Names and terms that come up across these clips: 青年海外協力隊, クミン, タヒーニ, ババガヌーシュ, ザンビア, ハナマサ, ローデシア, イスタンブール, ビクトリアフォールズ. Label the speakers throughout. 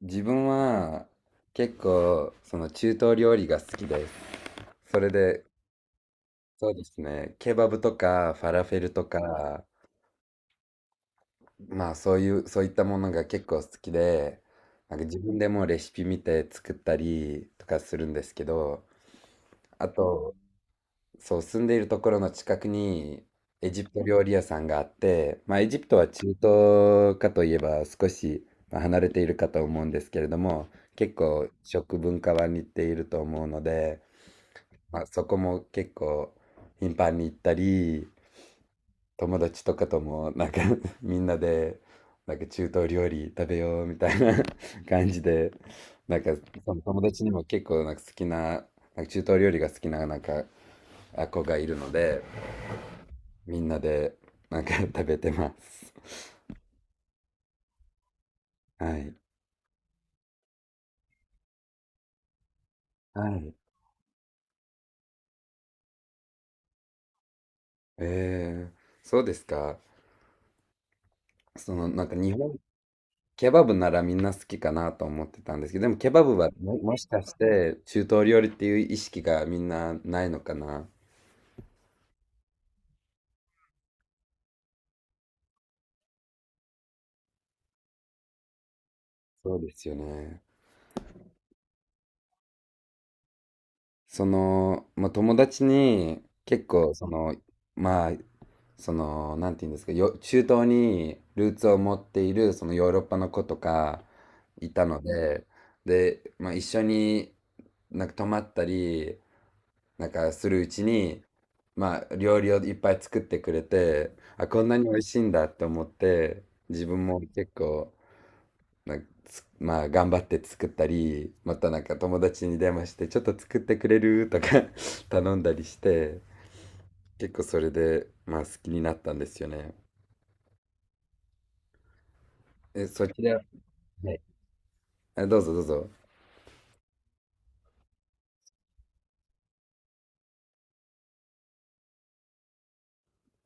Speaker 1: 自分は結構その中東料理が好きです。それで、そうですね、ケバブとかファラフェルとか、まあそういう、そういったものが結構好きで、なんか自分でもレシピ見て作ったりとかするんですけど、あと、そう、住んでいるところの近くにエジプト料理屋さんがあって、まあ、エジプトは中東かといえば少しまあ離れているかと思うんですけれども、結構食文化は似ていると思うので、まあ、そこも結構頻繁に行ったり、友達とかともなんか みんなでなんか中東料理食べようみたいな 感じで、なんかその友達にも結構なんか好きな中東料理が好きななんか子がいるので、みんなでなんか 食べてます。はい、はい。えー、そうですか？そのなんか日本、ケバブならみんな好きかなと思ってたんですけど、でもケバブはもしかして中東料理っていう意識がみんなないのかな。そうですよね。その、まあ、友達に結構その、まあ、その、なんて言うんですか、中東にルーツを持っている、そのヨーロッパの子とかいたので、で、まあ一緒になんか泊まったり、なんかするうちに、まあ料理をいっぱい作ってくれて、あ、こんなに美味しいんだって思って、自分も結構、なんかつまあ頑張って作ったり、またなんか友達に電話して、ちょっと作ってくれるとか 頼んだりして、結構それで、まあ好きになったんですよね。え、そちら、はい、あ、どうぞどうぞ。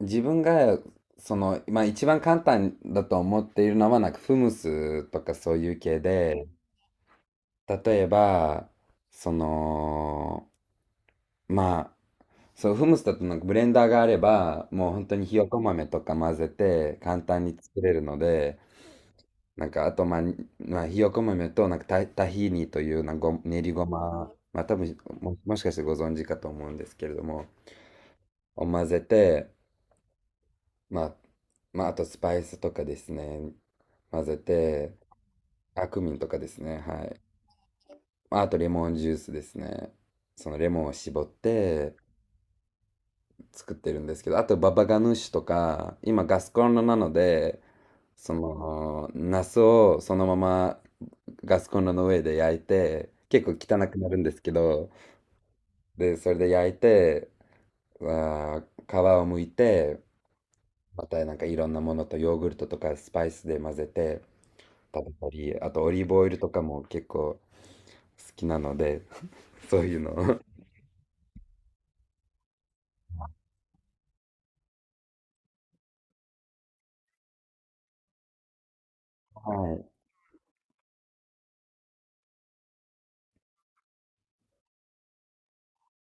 Speaker 1: 自分が、その、まあ一番簡単だと思っているのは、なんかフムスとかそういう系で、例えば、その、まあ、そう、フムスだとなんかブレンダーがあれば、もう本当にひよこ豆とか混ぜて簡単に作れるので、なんかあと、まあ、まあ、ひよこ豆となんかタヒーニというなんかご練りごま、まあ多分もしかしてご存知かと思うんですけれども、を混ぜて、まあ、まあ、あとスパイスとかですね。混ぜて、あ、クミンとかですね。はい。まあとレモンジュースですね。そのレモンを絞って作ってるんですけど、あとババガヌーシュとか、今ガスコンロなので、その、ナスをそのままガスコンロの上で焼いて、結構汚くなるんですけど、で、それで焼いて、あ皮を剥いて、またなんかいろんなものとヨーグルトとかスパイスで混ぜて、食べたり、あとオリーブオイルとかも結構好きなので、そういうのを。は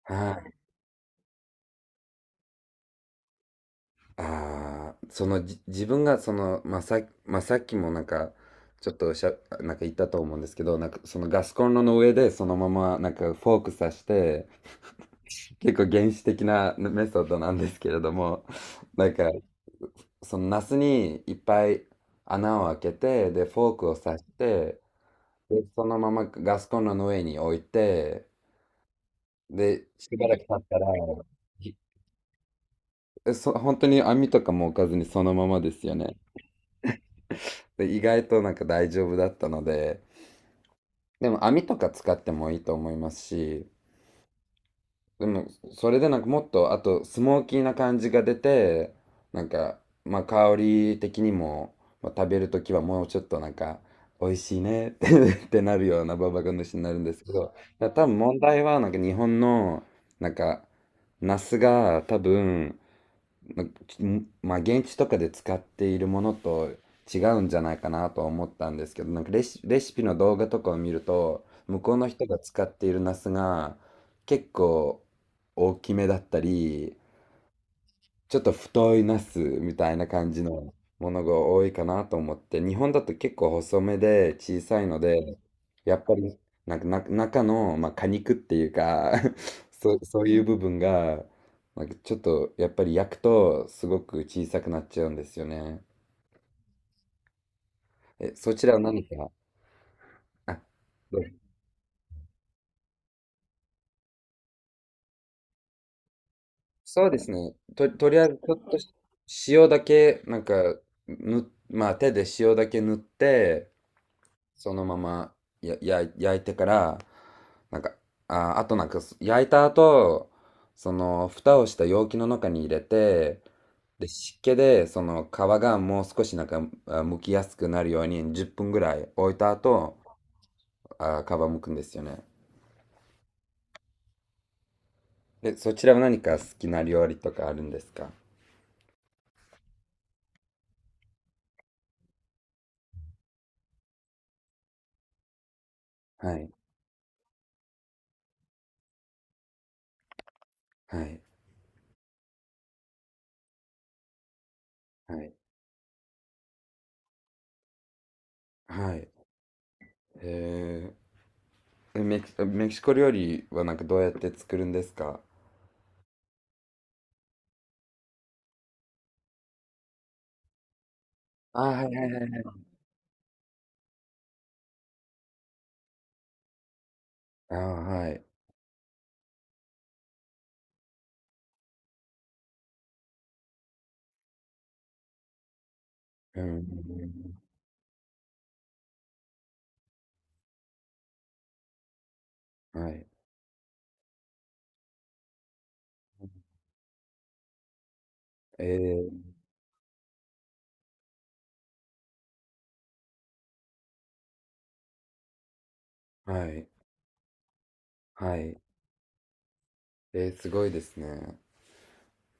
Speaker 1: い。はい。ああ、そのじ、自分がその、まあ、まあ、さっきもなんか、ちょっとしゃ、なんか言ったと思うんですけど、なんかそのガスコンロの上でそのままなんかフォーク刺して、結構原始的なねメソッドなんですけれども、なんかそのナスにいっぱい穴を開けて、で、フォークを刺して、で、そのままガスコンロの上に置いて、で、しばらく経ったら、ひえそ、本当に網とかも置かずにそのままですよね。で、意外となんか大丈夫だったので、でも網とか使ってもいいと思いますし、でもそれでなんかもっと、あとスモーキーな感じが出て、なんか、まあ香り的にも、まあ、食べるときはもうちょっとなんか、美味しいねって ってなるようなババガ主になるんですけど、多分問題はなんか日本の、なんか、ナスが多分、まあ、現地とかで使っているものと違うんじゃないかなとは思ったんですけど、なんかレシピの動画とかを見ると、向こうの人が使っているナスが結構大きめだったり、ちょっと太いナスみたいな感じのものが多いかなと思って、日本だと結構細めで小さいので、やっぱりなんかな中の、まあ、果肉っていうか そう、そういう部分が、なんかちょっとやっぱり焼くとすごく小さくなっちゃうんですよね。え、そちらは何か、あ、どうぞ。そうですね。と、とりあえずちょっと塩だけ、なんか、まあ手で塩だけ塗って、そのままやや焼いてから、なんか、ああ、と、なんか焼いた後その蓋をした容器の中に入れて、で、湿気でその皮がもう少しなんか、あ、剥きやすくなるように10分ぐらい置いた後、あ、皮剥くんですよね。で、そちらは何か好きな料理とかあるんですか？はい、はい、はい、はい。へえ、メキシコ料理はなんかどうやって作るんですか？あ、はい、はい、はい、はい。あ、はい。うん、うん、うん。はい。えー、はい。はい。えー、すごいですね。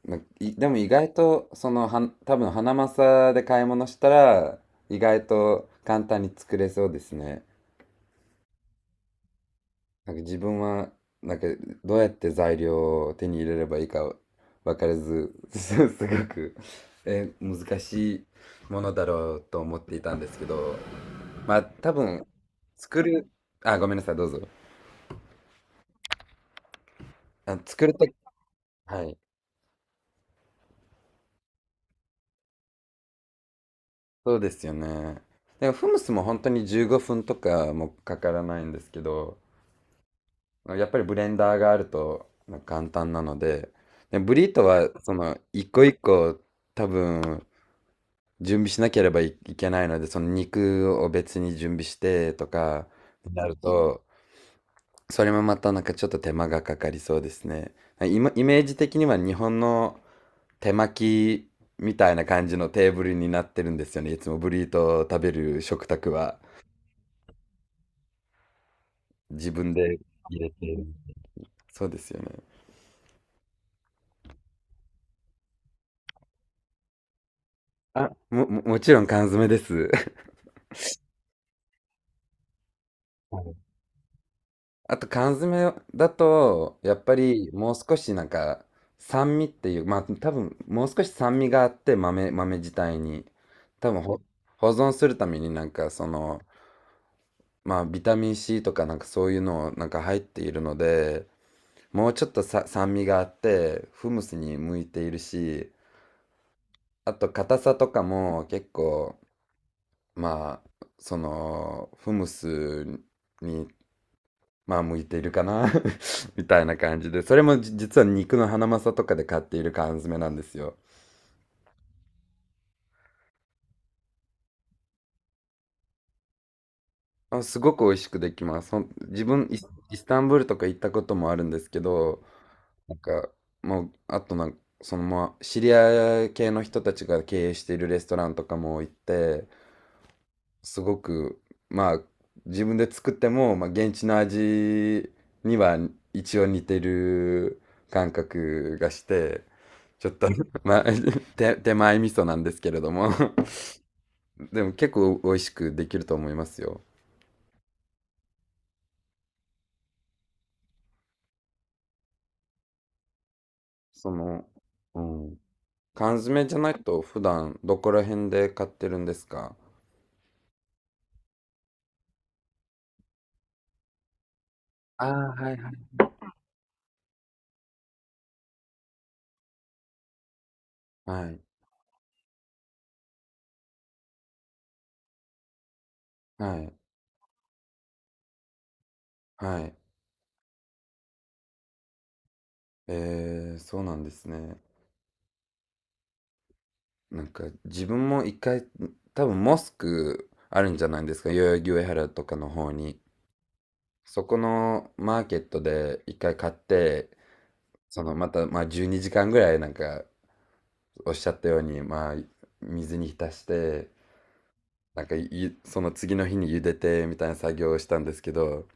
Speaker 1: ないでも意外と、その、多分、ハナマサで買い物したら、意外と簡単に作れそうですね。なんか自分は、なんか、どうやって材料を手に入れればいいか分からず、すごく、えー、難しいものだろうと思っていたんですけど、まあ、多分、作る、あ、ごめんなさい、どうぞ。あ、作るとき、はい。そうですよね。でもフムスも本当に15分とかもかからないんですけど、やっぱりブレンダーがあると簡単なので、でブリートはその一個一個多分準備しなければいいけないので、その肉を別に準備してとかになると、それもまたなんかちょっと手間がかかりそうですね。イメージ的には日本の手巻きみたいな感じのテーブルになってるんですよね。いつもブリートを食べる食卓は。自分で入れて。そうですよね。あ、もちろん缶詰です。はい。あと缶詰だと、やっぱりもう少しなんか酸味っていう、まあ多分もう少し酸味があって豆、豆自体に。多分保存するためになんかその、まあビタミン C とかなんかそういうのなんか入っているので、もうちょっと酸味があって、フムスに向いているし、あと硬さとかも結構まあ、その、フムスに、まあ、向いているかな みたいな感じで、それも実は肉のハナマサとかで買っている缶詰なんですよ。あ、すごく美味しくできます。自分、イスタンブールとか行ったこともあるんですけど、なんか、もう、あとなんか、そのまあ、シリア系の人たちが経営しているレストランとかも行って、すごく、まあ、自分で作っても、まあ、現地の味には一応似てる感覚がして、ちょっと まあ、手前味噌なんですけれども でも結構美味しくできると思いますよ。その、うん。缶詰じゃないと普段どこら辺で買ってるんですか？ああー、はい、はい。はい、はい、はい。えー、そうなんですね。なんか自分も一回、多分モスクあるんじゃないですか、代々木上原とかの方に。そこのマーケットで一回買って、そのまたまあ12時間ぐらいなんかおっしゃったようにまあ水に浸して、なんかその次の日に茹でてみたいな作業をしたんですけど、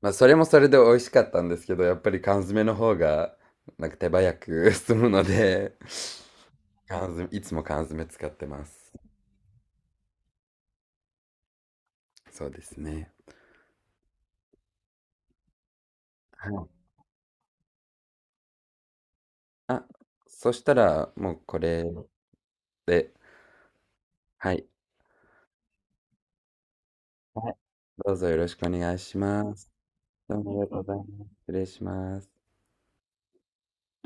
Speaker 1: まあ、それもそれで美味しかったんですけど、やっぱり缶詰の方がなんか手早く 済むので、缶詰、いつも缶詰使ってます。そうですね。あ、そしたら、もうこれで、はい、どうぞよろしくお願いします。どうもありがとうございます。失礼します。